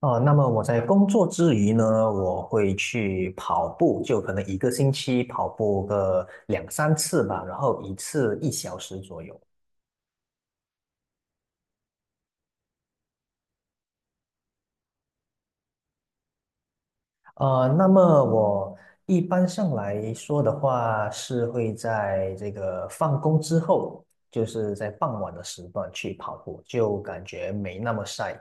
哦，那么我在工作之余呢，我会去跑步，就可能一个星期跑步个两三次吧，然后一次一小时左右。那么我一般上来说的话，是会在这个放工之后，就是在傍晚的时段去跑步，就感觉没那么晒。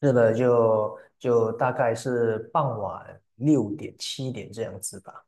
是的，就大概是傍晚六点七点这样子吧。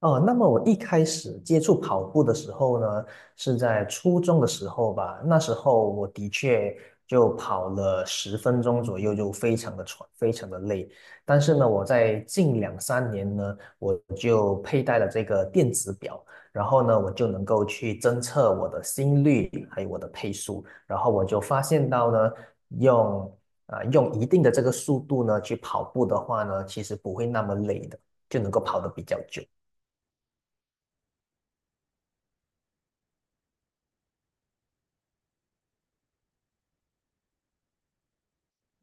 哦，那么我一开始接触跑步的时候呢，是在初中的时候吧。那时候我的确就跑了10分钟左右，就非常的喘，非常的累。但是呢，我在近两三年呢，我就佩戴了这个电子表，然后呢，我就能够去侦测我的心率，还有我的配速。然后我就发现到呢，用用一定的这个速度呢去跑步的话呢，其实不会那么累的，就能够跑得比较久。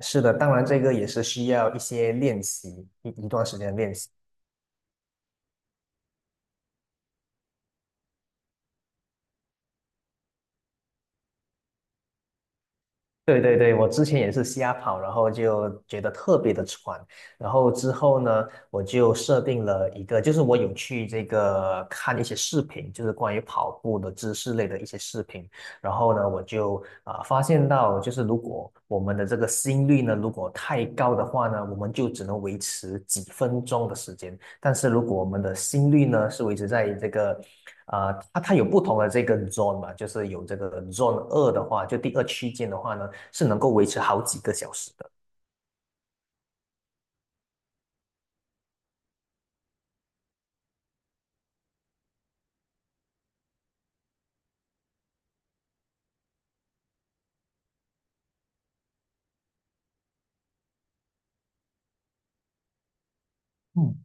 是的，当然这个也是需要一些练习，一段时间的练习。对对对，我之前也是瞎跑，然后就觉得特别的喘，然后之后呢，我就设定了一个，就是我有去这个看一些视频，就是关于跑步的知识类的一些视频，然后呢，我就发现到，就是如果我们的这个心率呢，如果太高的话呢，我们就只能维持几分钟的时间，但是如果我们的心率呢是维持在这个，它有不同的这个 zone 嘛，就是有这个 zone 二的话，就第二区间的话呢，是能够维持好几个小时的。嗯，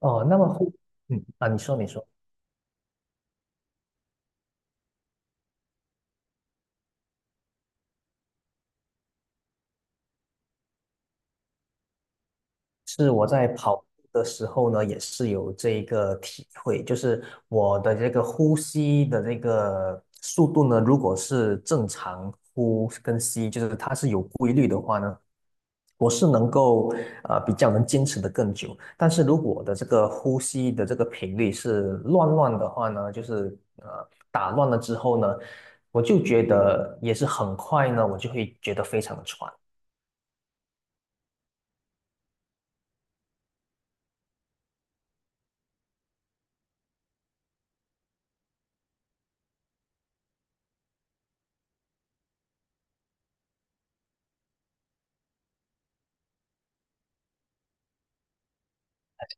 哦，那么呼，你说你说，是我在跑步的时候呢，也是有这一个体会，就是我的这个呼吸的这个速度呢，如果是正常呼跟吸，就是它是有规律的话呢。我是能够比较能坚持的更久，但是如果我的这个呼吸的这个频率是乱乱的话呢，就是打乱了之后呢，我就觉得也是很快呢，我就会觉得非常的喘。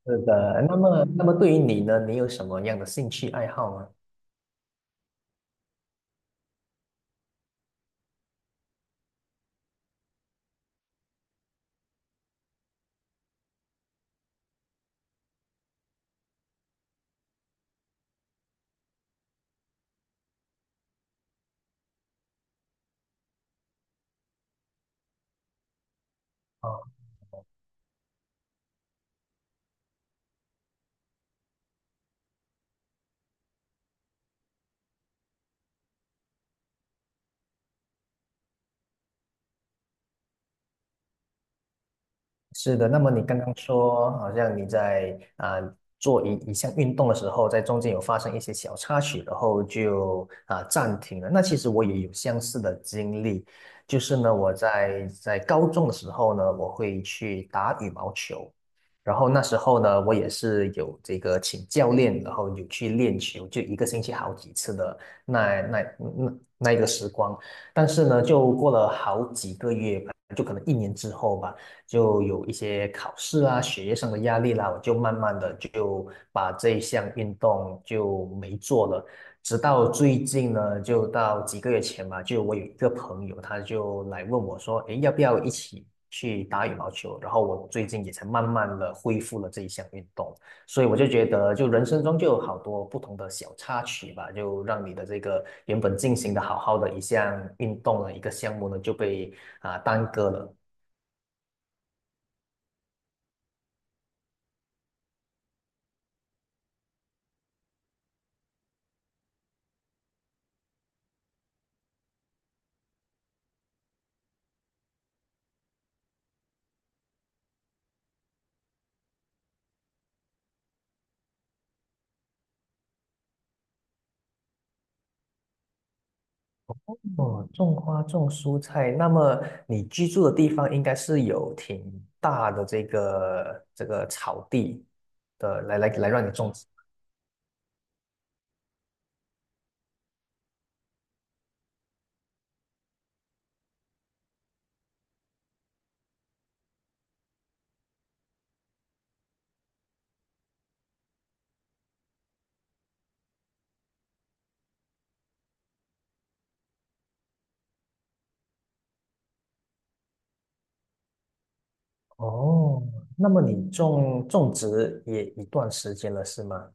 是的，那么对于你呢，你有什么样的兴趣爱好吗？啊是的，那么你刚刚说，好像你在做一项运动的时候，在中间有发生一些小插曲，然后就暂停了。那其实我也有相似的经历，就是呢，我在高中的时候呢，我会去打羽毛球，然后那时候呢，我也是有这个请教练，然后有去练球，就一个星期好几次的那一个时光。但是呢，就过了好几个月吧，就可能一年之后吧。就有一些考试啊、学业上的压力啦，我就慢慢的就把这一项运动就没做了。直到最近呢，就到几个月前吧，就我有一个朋友，他就来问我说：“诶，要不要一起去打羽毛球？”然后我最近也才慢慢的恢复了这一项运动，所以我就觉得，就人生中就有好多不同的小插曲吧，就让你的这个原本进行的好好的一项运动的一个项目呢，就被耽搁了。哦，种花种蔬菜，那么你居住的地方应该是有挺大的这个草地的，来来来让你种植。哦，那么你种植也一段时间了，是吗？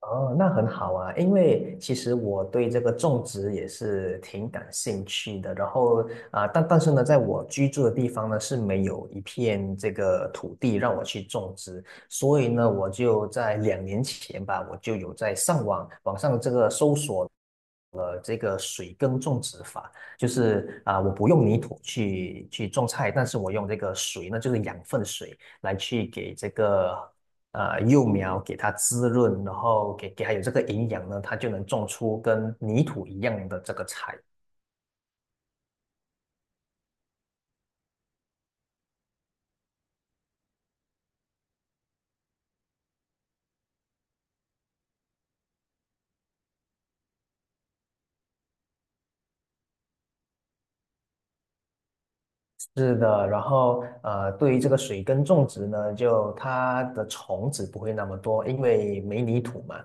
哦，那很好啊，因为其实我对这个种植也是挺感兴趣的。然后但是呢，在我居住的地方呢是没有一片这个土地让我去种植，所以呢，我就在2年前吧，我就有在网上这个搜索了这个水耕种植法，就是我不用泥土去种菜，但是我用这个水呢，就是养分水来去给这个。幼苗给它滋润，然后给它有这个营养呢，它就能种出跟泥土一样的这个菜。是的，然后对于这个水耕种植呢，就它的虫子不会那么多，因为没泥土嘛。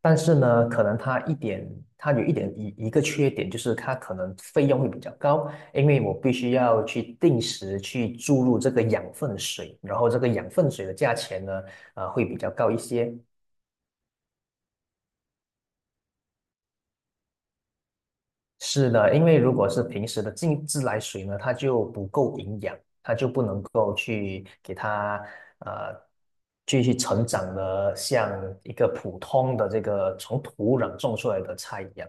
但是呢，可能它一点，它有一点一个缺点，就是它可能费用会比较高，因为我必须要去定时去注入这个养分水，然后这个养分水的价钱呢，会比较高一些。是的，因为如果是平时的静自来水呢，它就不够营养，它就不能够去给它呃继续成长的像一个普通的这个从土壤种出来的菜一样。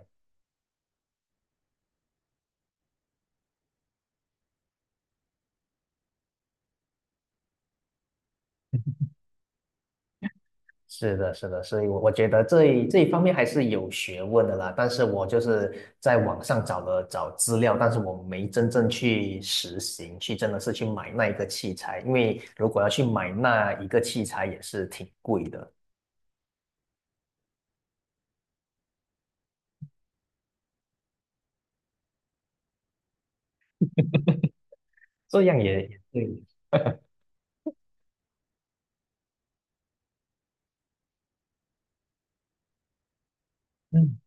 是的，是的，所以我觉得这一方面还是有学问的啦。但是我就是在网上找了找资料，但是我没真正去实行，去真的是去买那一个器材，因为如果要去买那一个器材也是挺贵的。这样也对，嗯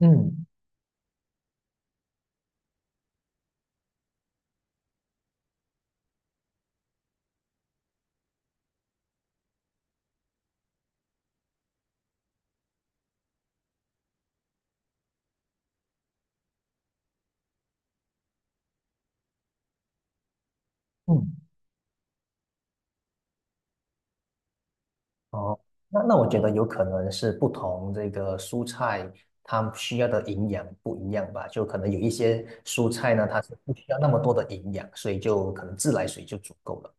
嗯嗯，哦，那我觉得有可能是不同这个蔬菜它需要的营养不一样吧，就可能有一些蔬菜呢，它是不需要那么多的营养，所以就可能自来水就足够了。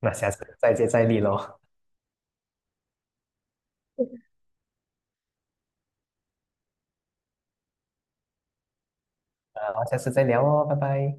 那下次再接再厉喽，好，下次再聊哦，拜拜。